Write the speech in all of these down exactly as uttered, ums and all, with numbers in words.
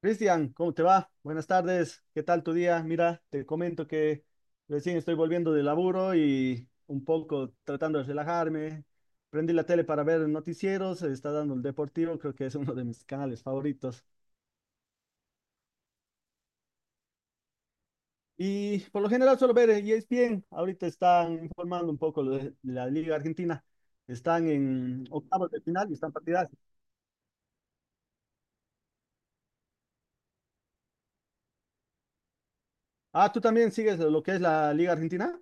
Cristian, ¿cómo te va? Buenas tardes, ¿qué tal tu día? Mira, te comento que recién estoy volviendo de laburo y un poco tratando de relajarme. Prendí la tele para ver noticieros, se está dando el Deportivo, creo que es uno de mis canales favoritos. Y por lo general suelo ver E S P N, ahorita están informando un poco lo de de la Liga Argentina. Están en octavos de final y están partidas. Ah, ¿tú también sigues lo que es la Liga Argentina?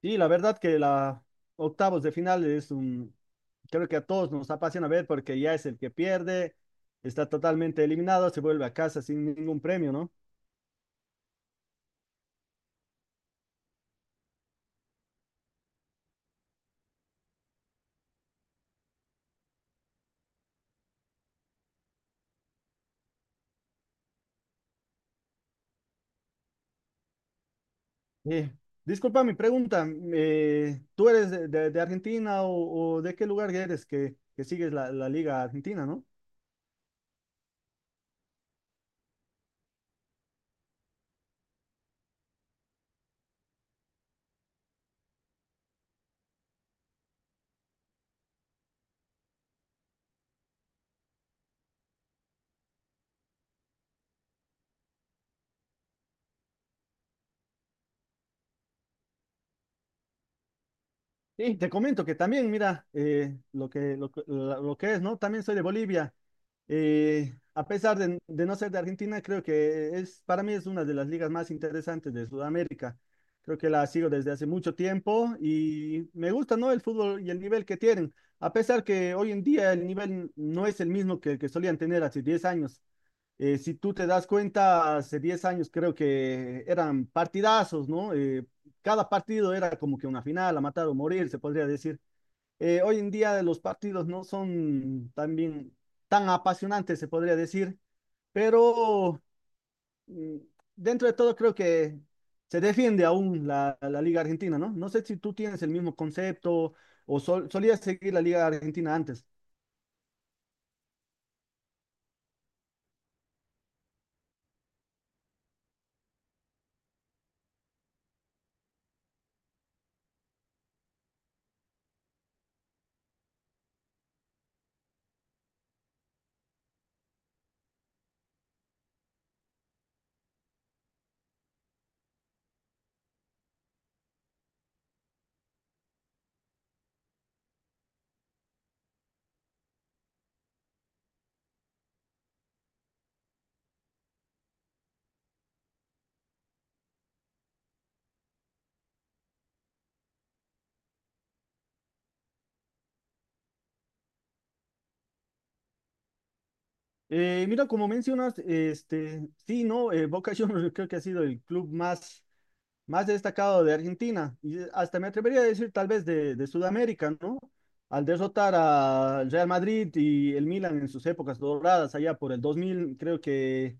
Sí, la verdad que la octavos de final es un creo que a todos nos apasiona ver porque ya es el que pierde, está totalmente eliminado, se vuelve a casa sin ningún premio, ¿no? Eh, Disculpa mi pregunta, eh, ¿tú eres de, de- de Argentina o, o de qué lugar eres que, que sigues la, la Liga Argentina, ¿no? Y te comento que también, mira, eh, lo que, lo, que la- lo que es, ¿no? También soy de Bolivia. Eh, a pesar de, de no ser de Argentina, creo que es, para mí es una de las ligas más interesantes de Sudamérica. Creo que la sigo desde hace mucho tiempo y me gusta, ¿no? El fútbol y el nivel que tienen. A pesar que hoy en día el nivel no es el mismo que el que solían tener hace diez años. Eh, si tú te das cuenta, hace diez años creo que eran partidazos, ¿no? Eh, cada partido era como que una final, a matar o morir, se podría decir. Eh, hoy en día los partidos no son también tan apasionantes, se podría decir, pero mm, dentro de todo creo que se defiende aún la, la Liga Argentina, ¿no? No sé si tú tienes el mismo concepto o sol- solías seguir la Liga Argentina antes. Eh, mira, como mencionas, este, sí, no, Eh, Boca Juniors creo que ha sido el club más, más destacado de Argentina y eh, hasta me atrevería a decir tal vez de, de Sudamérica, ¿no? Al derrotar al Real Madrid y el Milan en sus épocas doradas allá por el dos mil, creo que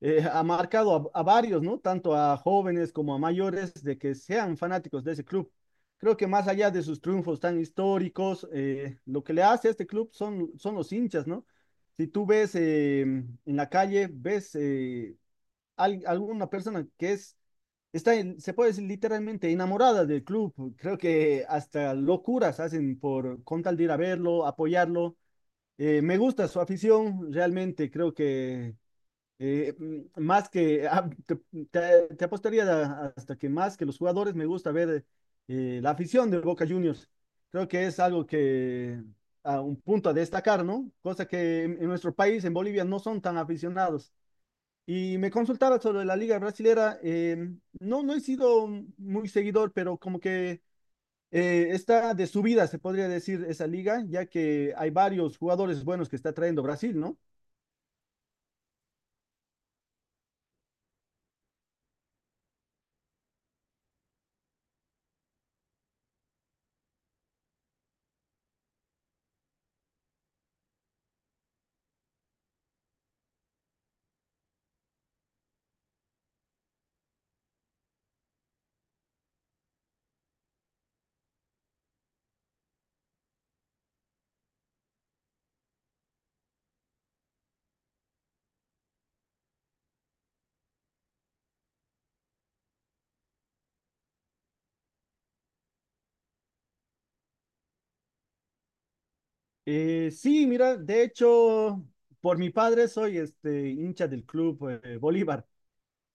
eh, ha marcado a, a varios, ¿no? Tanto a jóvenes como a mayores de que sean fanáticos de ese club. Creo que más allá de sus triunfos tan históricos, eh, lo que le hace a este club son, son los hinchas, ¿no? Si tú ves eh, en la calle, ves eh, al- alguna persona que es, está, en- se puede decir literalmente enamorada del club, creo que hasta locuras hacen por con tal de ir a verlo, apoyarlo. Eh, me gusta su afición, realmente creo que eh, mm, más que ah, te, te- te apostaría a- hasta que más que los jugadores me gusta ver eh, la afición de Boca Juniors. Creo que es algo que a un punto a destacar, ¿no? Cosa que en, en nuestro país, en Bolivia, no son tan aficionados. Y me consultaba sobre la Liga Brasilera. Eh, no, no he sido muy seguidor, pero como que eh, está de subida, se podría decir, esa liga, ya que hay varios jugadores buenos que está trayendo Brasil, ¿no? Eh, sí, mira, de hecho, por mi padre soy este hincha del club eh, Bolívar.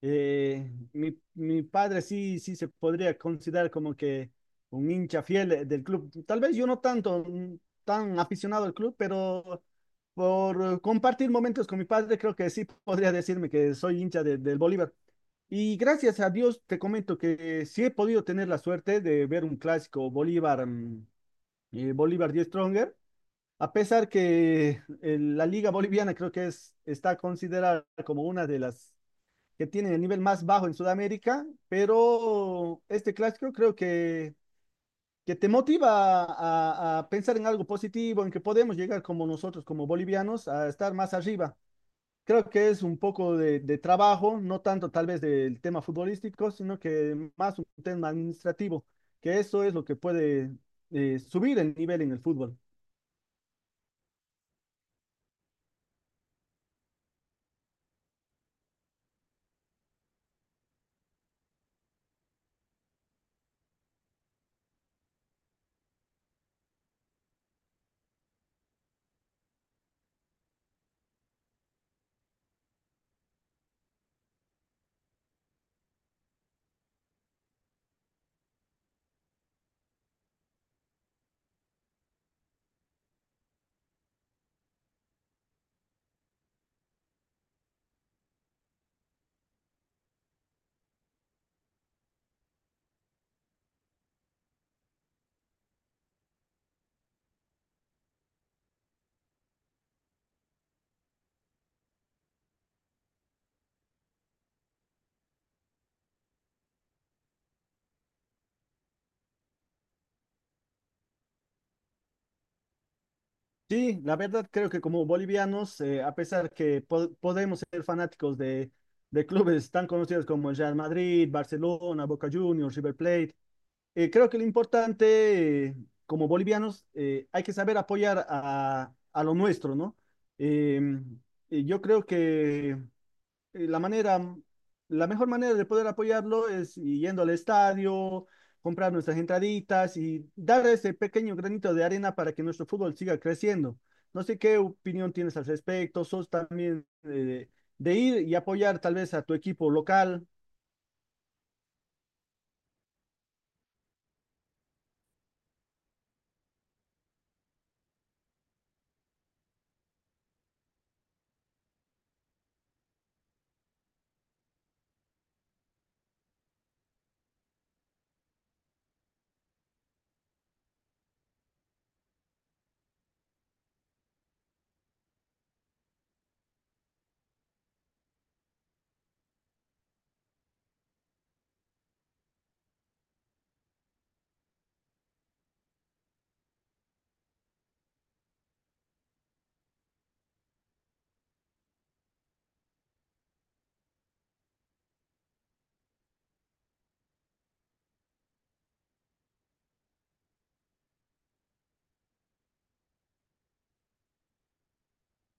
Eh, mi, mi padre sí, sí se podría considerar como que un hincha fiel eh, del club. Tal vez yo no tanto, mm, tan aficionado al club, pero por eh, compartir momentos con mi padre, creo que sí podría decirme que soy hincha de- del Bolívar. Y gracias a Dios te comento que sí he podido tener la suerte de ver un clásico Bolívar, mm, eh, Bolívar Die Stronger. A pesar que el- la Liga Boliviana creo que es, está considerada como una de las que tienen el nivel más bajo en Sudamérica, pero este clásico creo que, que te motiva a, a pensar en algo positivo, en que podemos llegar como nosotros, como bolivianos, a estar más arriba. Creo que es un poco de, de trabajo, no tanto tal vez del tema futbolístico, sino que más un tema administrativo, que eso es lo que puede eh, subir el nivel en el fútbol. Sí, la verdad creo que como bolivianos, eh, a pesar que po- podemos ser fanáticos de, de clubes tan conocidos como el Real Madrid, Barcelona, Boca Juniors, River Plate, eh, creo que lo importante eh, como bolivianos eh, hay que saber apoyar a, a lo nuestro, ¿no? Em, y yo creo que eh, la manera, la mejor manera de poder apoyarlo es yendo al estadio, comprar nuestras entraditas y dar ese pequeño granito de arena para que nuestro fútbol siga creciendo. No sé qué opinión tienes al respecto, sos también eh, de ir y apoyar tal vez a tu equipo local.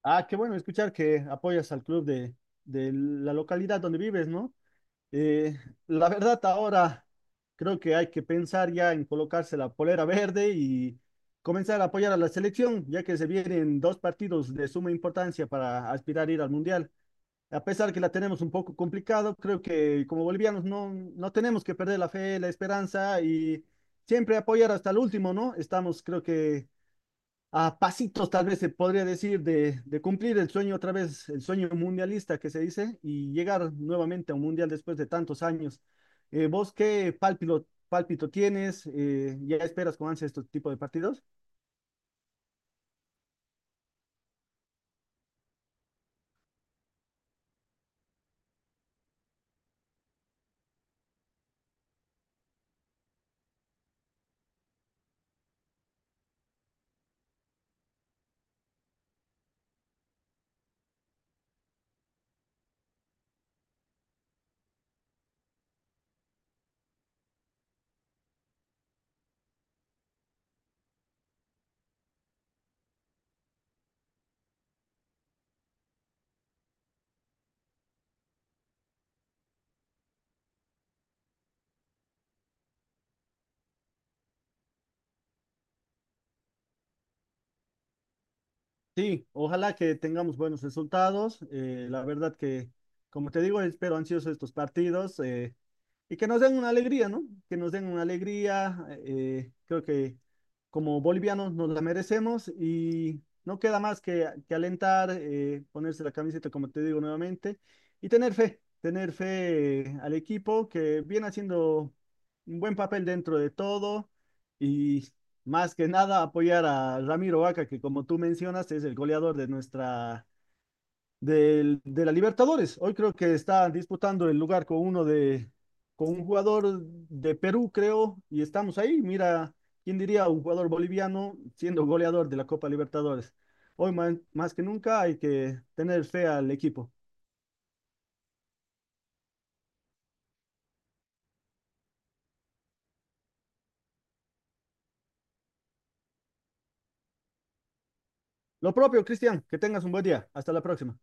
Ah, qué bueno escuchar que apoyas al club de, de la localidad donde vives, ¿no? Eh, la verdad, ahora creo que hay que pensar ya en colocarse la polera verde y comenzar a apoyar a la selección, ya que se vienen dos partidos de suma importancia para aspirar a ir al Mundial. A pesar que la tenemos un poco complicado, creo que como bolivianos no, no tenemos que perder la fe, la esperanza y siempre apoyar hasta el último, ¿no? Estamos, creo que a pasitos, tal vez se podría decir, de, de cumplir el sueño otra vez, el sueño mundialista que se dice, y llegar nuevamente a un mundial después de tantos años. Eh, ¿vos qué pálpito, pálpito tienes? Eh, ¿ya esperas con ansia este tipo de partidos? Sí, ojalá que tengamos buenos resultados. Eh, la verdad que, como te digo, espero ansioso estos partidos. eh, Y que nos den una alegría, ¿no? Que nos den una alegría. Eh, creo que como bolivianos nos la merecemos y no queda más que, que alentar, eh, ponerse la camiseta, como te digo nuevamente, y tener fe, tener fe eh, al equipo que viene haciendo un buen papel dentro de todo y más que nada apoyar a Ramiro Vaca, que como tú mencionas es el goleador de nuestra del- de la Libertadores. Hoy creo que está disputando el lugar con uno de, con un jugador de Perú, creo, y estamos ahí. Mira, ¿quién diría un jugador boliviano siendo goleador de la Copa Libertadores? Hoy más, más que nunca hay que tener fe al equipo. Lo propio, Cristian, que tengas un buen día. Hasta la próxima.